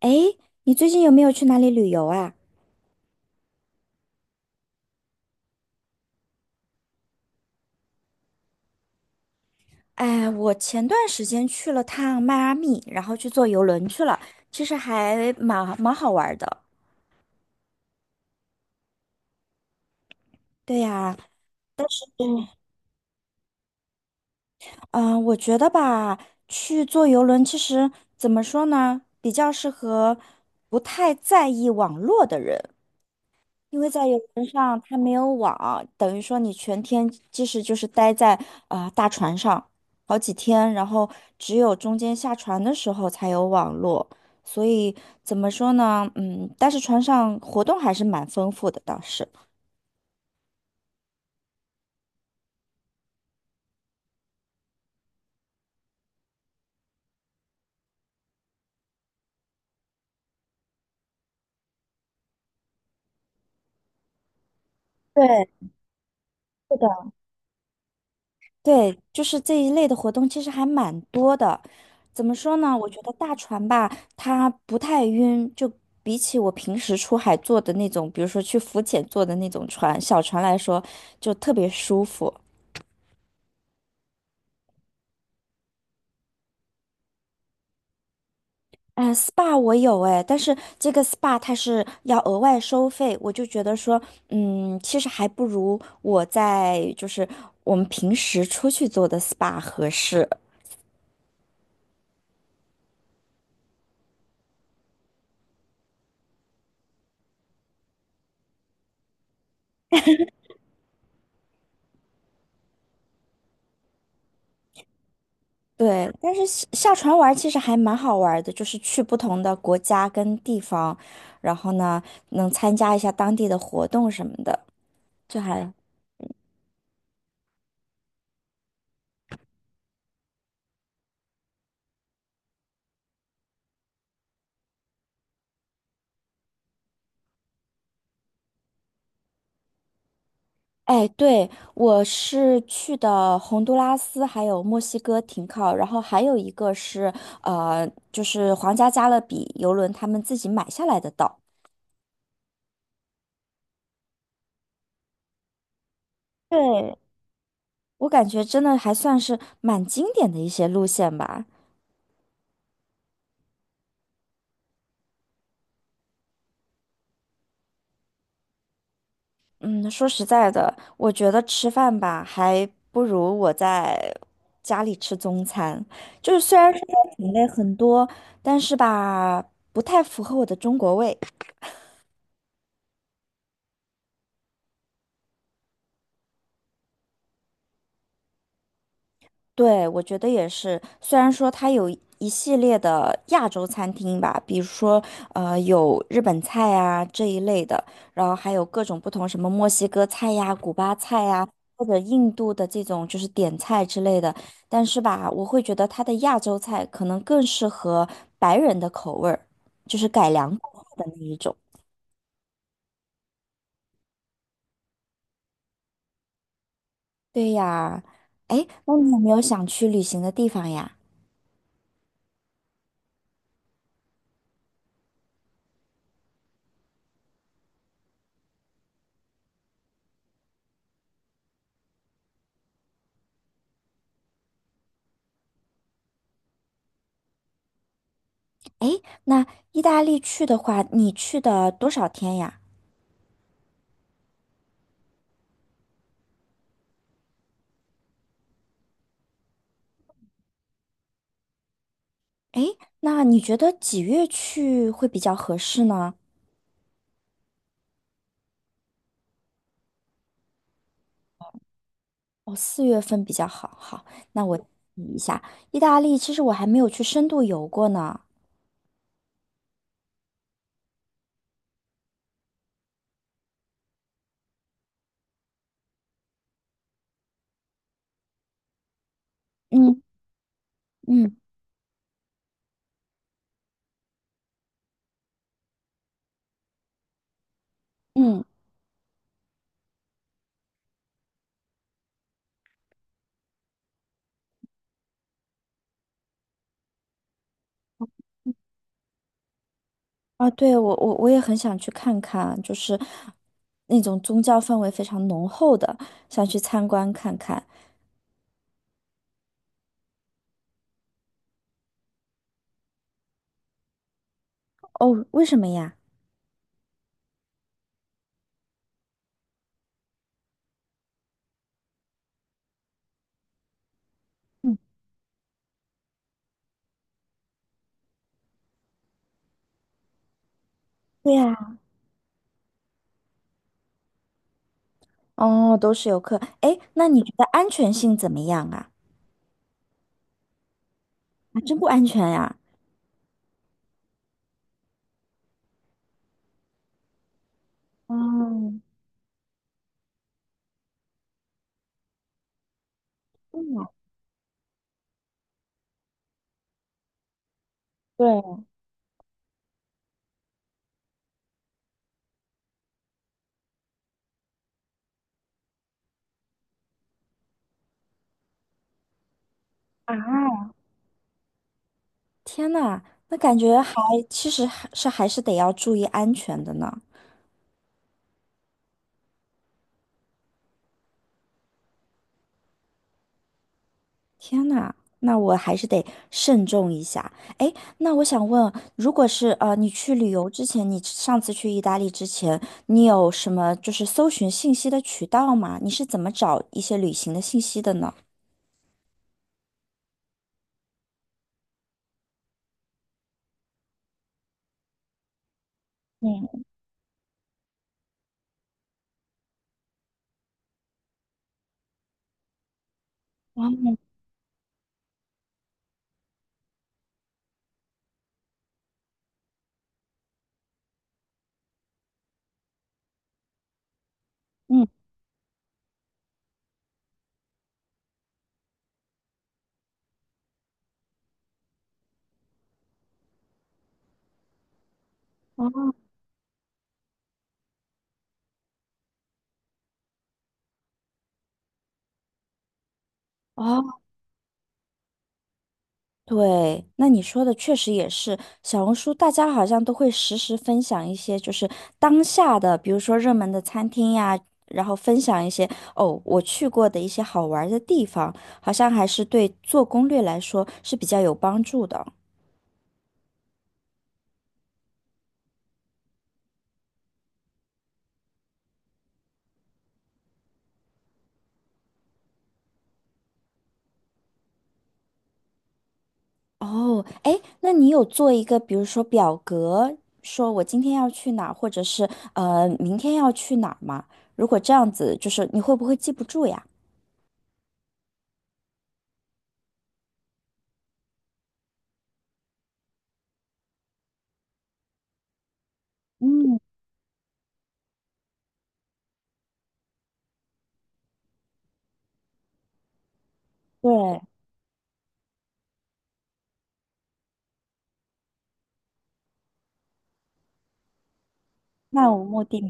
诶，你最近有没有去哪里旅游啊？哎，我前段时间去了趟迈阿密，然后去坐游轮去了，其实还蛮好玩儿的。对呀，嗯，嗯，我觉得吧，去坐游轮其实怎么说呢，比较适合不太在意网络的人。因为在游轮上它没有网，等于说你全天即使就是待在大船上好几天，然后只有中间下船的时候才有网络，所以怎么说呢？嗯，但是船上活动还是蛮丰富的，倒是。对，是的。对，就是这一类的活动其实还蛮多的。怎么说呢？我觉得大船吧，它不太晕，就比起我平时出海坐的那种，比如说去浮潜坐的那种船，小船来说，就特别舒服。嗯，SPA 我有哎，但是这个 SPA 它是要额外收费，我就觉得说，其实还不如我在就是我们平时出去做的 SPA 合适。对，但是下船玩儿其实还蛮好玩儿的，就是去不同的国家跟地方，然后呢，能参加一下当地的活动什么的，就还，哎，对，我是去的洪都拉斯还有墨西哥停靠，然后还有一个是就是皇家加勒比游轮他们自己买下来的岛。对，我感觉真的还算是蛮经典的一些路线吧。嗯，说实在的，我觉得吃饭吧，还不如我在家里吃中餐。就是虽然说品类很多，但是吧，不太符合我的中国胃。对，我觉得也是。虽然说它有一系列的亚洲餐厅吧，比如说有日本菜啊这一类的，然后还有各种不同什么墨西哥菜呀、古巴菜呀，或者印度的这种就是点菜之类的。但是吧，我会觉得它的亚洲菜可能更适合白人的口味儿，就是改良过后的那一种。对呀，哎，那你有没有想去旅行的地方呀？哎，那意大利去的话，你去的多少天呀？诶，那你觉得几月去会比较合适呢？哦，四月份比较好。好，那我记一下，意大利其实我还没有去深度游过呢。嗯嗯嗯，啊，对，我也很想去看看，就是那种宗教氛围非常浓厚的，想去参观看看。哦，为什么呀？嗯，对呀，哦，都是游客。诶，那你觉得安全性怎么样啊？啊，真不安全呀。嗯，对。天呐，那感觉还其实还是还是得要注意安全的呢。天呐，那我还是得慎重一下。哎，那我想问，如果是你去旅游之前，你上次去意大利之前，你有什么就是搜寻信息的渠道吗？你是怎么找一些旅行的信息的呢？嗯。嗯嗯，哦，对，那你说的确实也是，小红书大家好像都会实时分享一些就是当下的，比如说热门的餐厅呀，然后分享一些哦我去过的一些好玩儿的地方，好像还是对做攻略来说是比较有帮助的。哦，哎，那你有做一个，比如说表格，说我今天要去哪儿，或者是明天要去哪儿吗？如果这样子，就是你会不会记不住呀？嗯，对，漫无目的。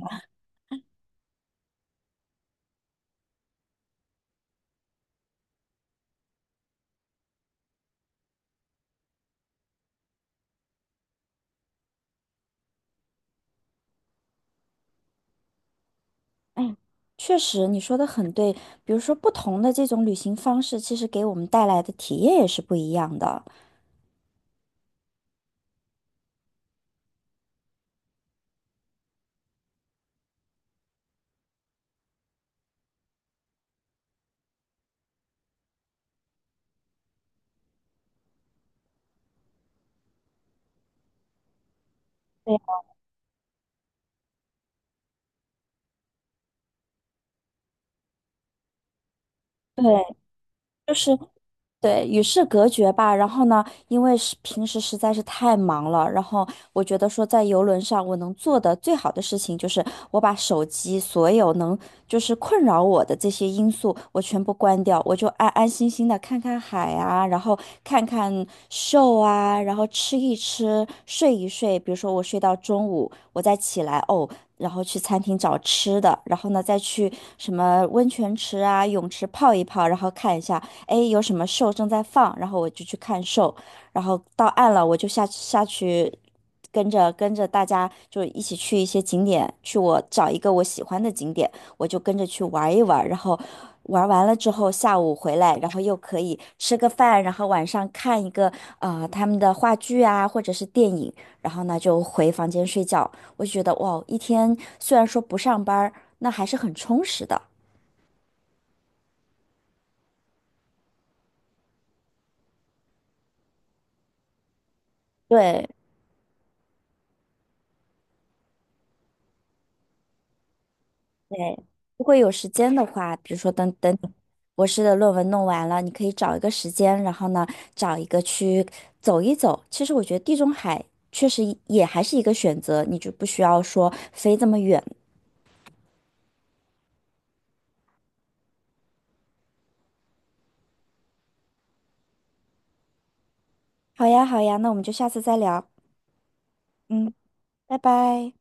哎，确实，你说的很对。比如说，不同的这种旅行方式，其实给我们带来的体验也是不一样的。对，对，就是对，与世隔绝吧。然后呢，因为是平时实在是太忙了，然后我觉得说在游轮上我能做的最好的事情就是我把手机所有能就是困扰我的这些因素我全部关掉，我就安安心心的看看海啊，然后看看 s 啊，然后吃一吃，睡一睡。比如说我睡到中午，我再起来哦。然后去餐厅找吃的，然后呢，再去什么温泉池啊、泳池泡一泡，然后看一下。哎，诶有什么 s 正在放，然后我就去看 s 然后到岸了，我就下去跟着大家就一起去一些景点，去我找一个我喜欢的景点，我就跟着去玩一玩，然后玩完了之后下午回来，然后又可以吃个饭，然后晚上看一个他们的话剧啊或者是电影，然后呢就回房间睡觉。我就觉得哇，一天虽然说不上班儿那还是很充实的。对。对，如果有时间的话，比如说等等你博士的论文弄完了，你可以找一个时间，然后呢，找一个去走一走。其实我觉得地中海确实也还是一个选择，你就不需要说飞这么远。好呀，好呀，那我们就下次再聊。嗯，拜拜。